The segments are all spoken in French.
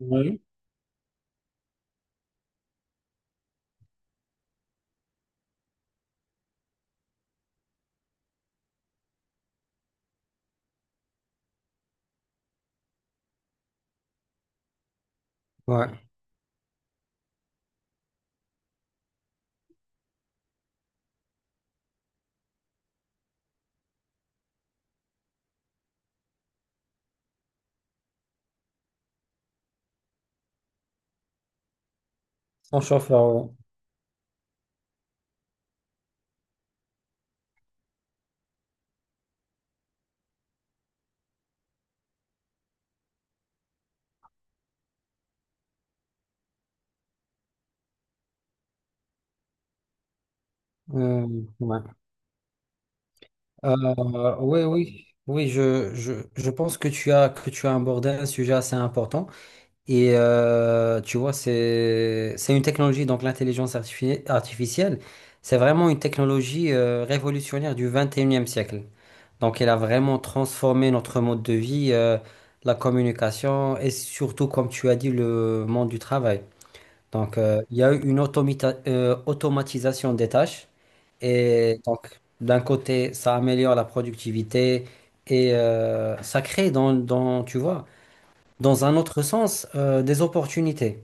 Oui, ouais. Son chauffeur, ouais. Euh, ouais. Oui, oui, oui, je pense que tu as abordé un sujet assez important. Tu vois, c'est une technologie, donc l'intelligence artificielle, c'est vraiment une technologie révolutionnaire du 21e siècle. Donc, elle a vraiment transformé notre mode de vie, la communication et surtout, comme tu as dit, le monde du travail. Il y a eu automatisation des tâches. Et donc, d'un côté, ça améliore la productivité et ça crée dans un autre sens, des opportunités.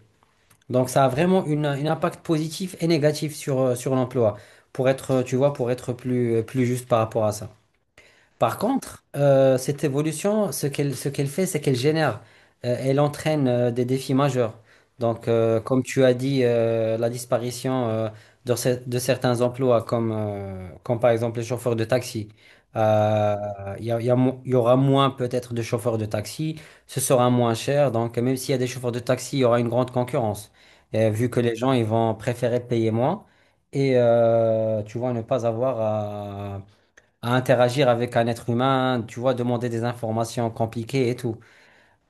Donc, ça a vraiment un impact positif et négatif sur, sur l'emploi, pour être, tu vois, pour être plus juste par rapport à ça. Par contre, cette évolution, ce qu'elle fait, c'est qu'elle génère, elle entraîne des défis majeurs. Donc, comme tu as dit, la disparition de certains emplois, comme, comme par exemple les chauffeurs de taxi. Euh, il y a mo- il y aura moins peut-être de chauffeurs de taxi, ce sera moins cher. Donc, même s'il y a des chauffeurs de taxi, il y aura une grande concurrence. Vu que les gens ils vont préférer payer moins et tu vois, ne pas avoir à interagir avec un être humain, tu vois, demander des informations compliquées et tout.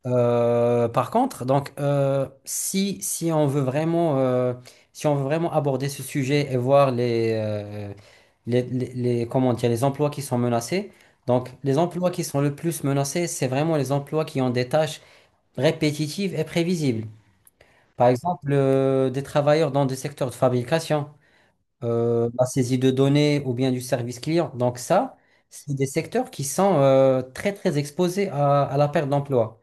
Par contre, si on veut vraiment, si on veut vraiment aborder ce sujet et voir comment dire, les emplois qui sont menacés, donc, les emplois qui sont le plus menacés, c'est vraiment les emplois qui ont des tâches répétitives et prévisibles. Par exemple, des travailleurs dans des secteurs de fabrication, la saisie de données ou bien du service client. Donc ça, c'est des secteurs qui sont très très exposés à la perte d'emploi.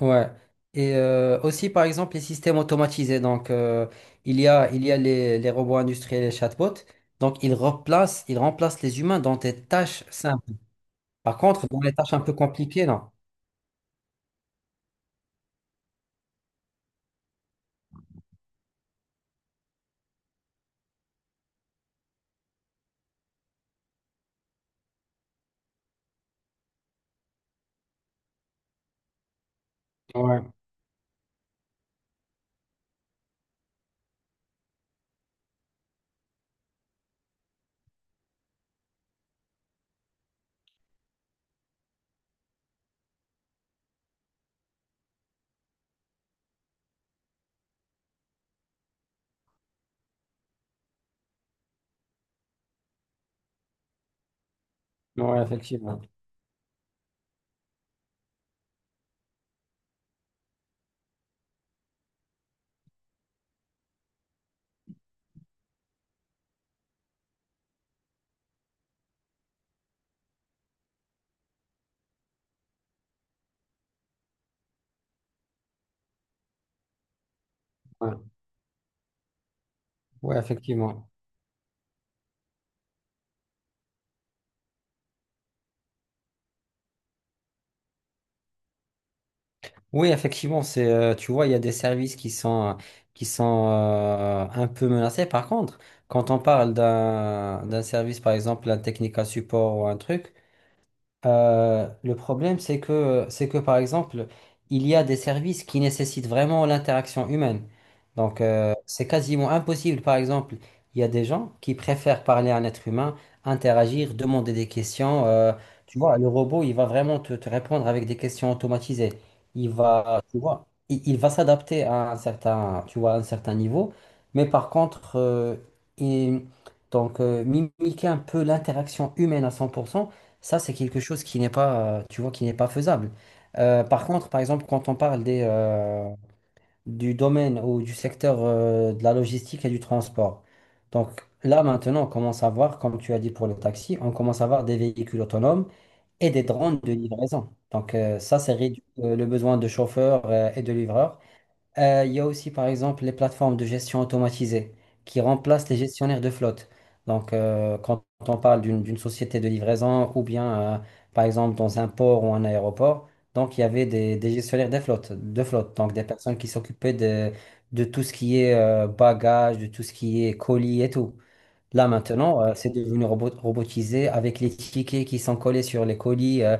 Ouais. Et aussi par exemple les systèmes automatisés. Donc il y a les robots industriels, les chatbots. Donc ils remplacent les humains dans des tâches simples. Par contre, dans les tâches un peu compliquées, non. Ouais, ouais, effectivement. Ouais, ouais, effectivement. Oui, effectivement, c'est, tu vois, il y a des services qui sont un peu menacés. Par contre, quand on parle d'un service, par exemple, un Technica Support ou un truc, le problème, c'est c'est que par exemple, il y a des services qui nécessitent vraiment l'interaction humaine. Donc, c'est quasiment impossible. Par exemple, il y a des gens qui préfèrent parler à un être humain, interagir, demander des questions. Tu vois, le robot, il va vraiment te répondre avec des questions automatisées. Il va, tu vois, il va s'adapter à un certain, tu vois, à un certain niveau. Mais par contre, il- mimiquer un peu l'interaction humaine à 100%, ça, c'est quelque chose qui n'est pas, tu vois, qui n'est pas faisable. Par contre, par exemple, quand on parle du domaine ou du secteur de la logistique et du transport, donc là maintenant, on commence à voir, comme tu as dit pour le taxi, on commence à voir des véhicules autonomes et des drones de livraison. Ça, c'est réduit le besoin de chauffeurs et de livreurs. Il y a aussi, par exemple, les plateformes de gestion automatisée qui remplacent les gestionnaires de flotte. Donc, quand on parle d'une société de livraison ou bien, par exemple, dans un port ou un aéroport, donc il y avait des gestionnaires de flotte, donc des personnes qui s'occupaient de tout ce qui est bagages, de tout ce qui est colis et tout. Là, maintenant, c'est devenu robotisé avec les tickets qui sont collés sur les colis,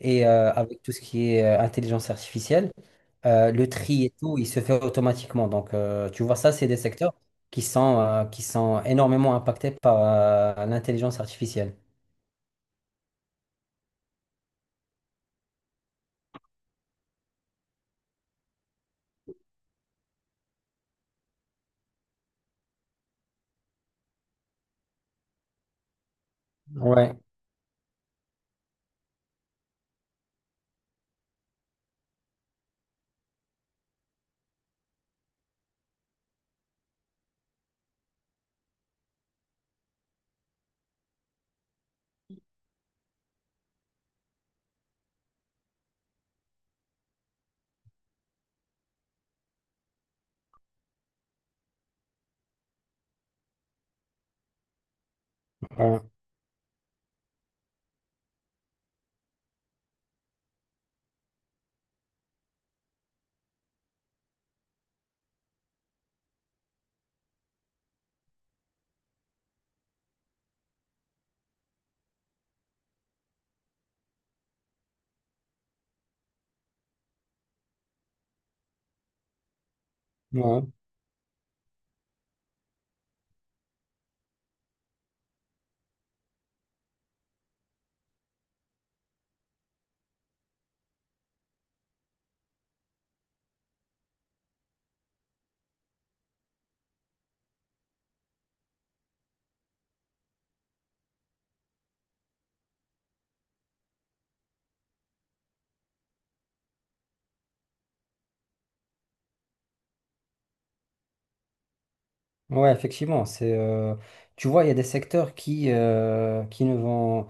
et avec tout ce qui est intelligence artificielle. Le tri et tout, il se fait automatiquement. Donc, tu vois, ça, c'est des secteurs qui sont énormément impactés par l'intelligence artificielle. Ouais, ouais, ouais, ouais, effectivement. C'est, tu vois, il y a des secteurs qui ne vont...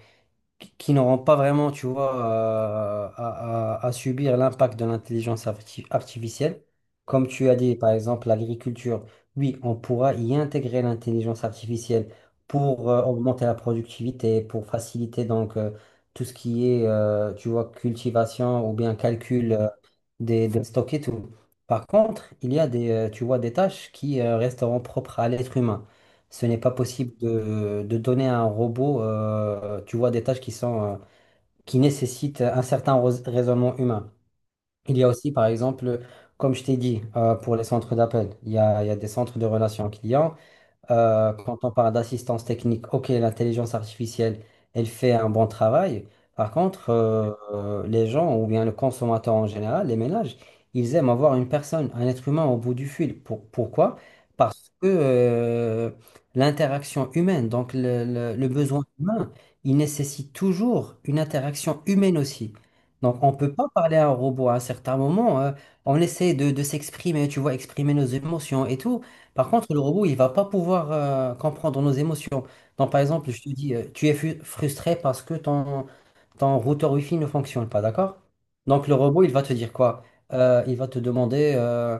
qui n'auront pas vraiment, tu vois, à subir l'impact de l'intelligence artificielle. Comme tu as dit, par exemple, l'agriculture, oui, on pourra y intégrer l'intelligence artificielle pour augmenter la productivité, pour faciliter donc tout ce qui est, tu vois, cultivation ou bien calcul des stocks et tout. Par contre, il y a tu vois, des tâches qui resteront propres à l'être humain. Ce n'est pas possible de donner à un robot, tu vois, des tâches qui sont, qui nécessitent un certain raisonnement humain. Il y a aussi, par exemple, comme je t'ai dit, pour les centres d'appel, il y a des centres de relations clients. Quand on parle d'assistance technique, ok, l'intelligence artificielle, elle fait un bon travail. Par contre, les gens, ou bien le consommateur en général, les ménages, ils aiment avoir une personne, un être humain au bout du fil. Pourquoi? Parce que l'interaction humaine, donc le besoin humain, il nécessite toujours une interaction humaine aussi. Donc, on ne peut pas parler à un robot à un certain moment. On essaie de s'exprimer, tu vois, exprimer nos émotions et tout. Par contre, le robot, il va pas pouvoir comprendre nos émotions. Donc, par exemple, je te dis, tu es frustré parce que ton routeur Wi-Fi ne fonctionne pas, d'accord? Donc, le robot, il va te dire quoi? Il va te demander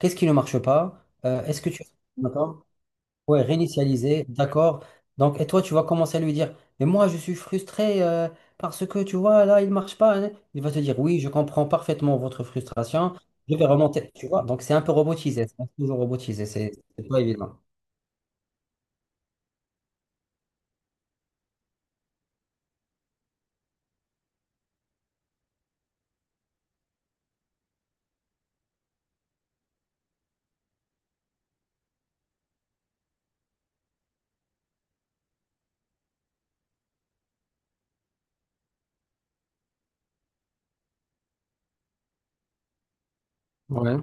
qu'est-ce qui ne marche pas? Est-ce que tu... D'accord? Ouais, réinitialiser, d'accord. Donc, et toi, tu vas commencer à lui dire, mais moi, je suis frustré parce que, tu vois, là, il marche pas, hein. Il va te dire, oui, je comprends parfaitement votre frustration. Je vais remonter, tu vois. Donc, c'est un peu robotisé, c'est toujours robotisé, c'est pas évident. Ouais,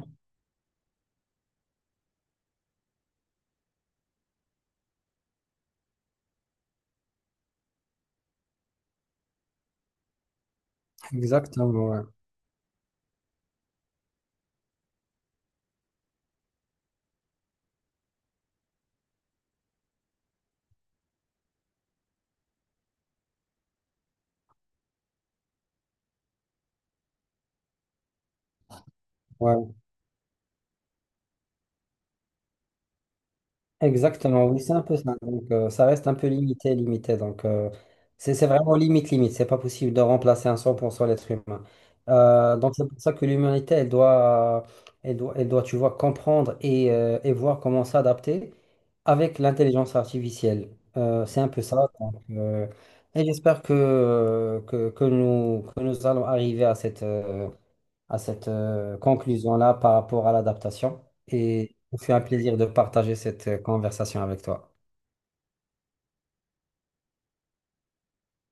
exactement, ouais. Ouais. Exactement, oui, c'est un peu ça. Donc, ça reste un peu limité. Donc, c'est vraiment limite. C'est pas possible de remplacer à 100% l'être humain. Donc, c'est pour ça que l'humanité, elle doit, tu vois, comprendre et voir comment s'adapter avec l'intelligence artificielle. C'est un peu ça. Donc, et j'espère que nous allons arriver à cette conclusion-là par rapport à l'adaptation. Et ce fait un plaisir de partager cette conversation avec toi.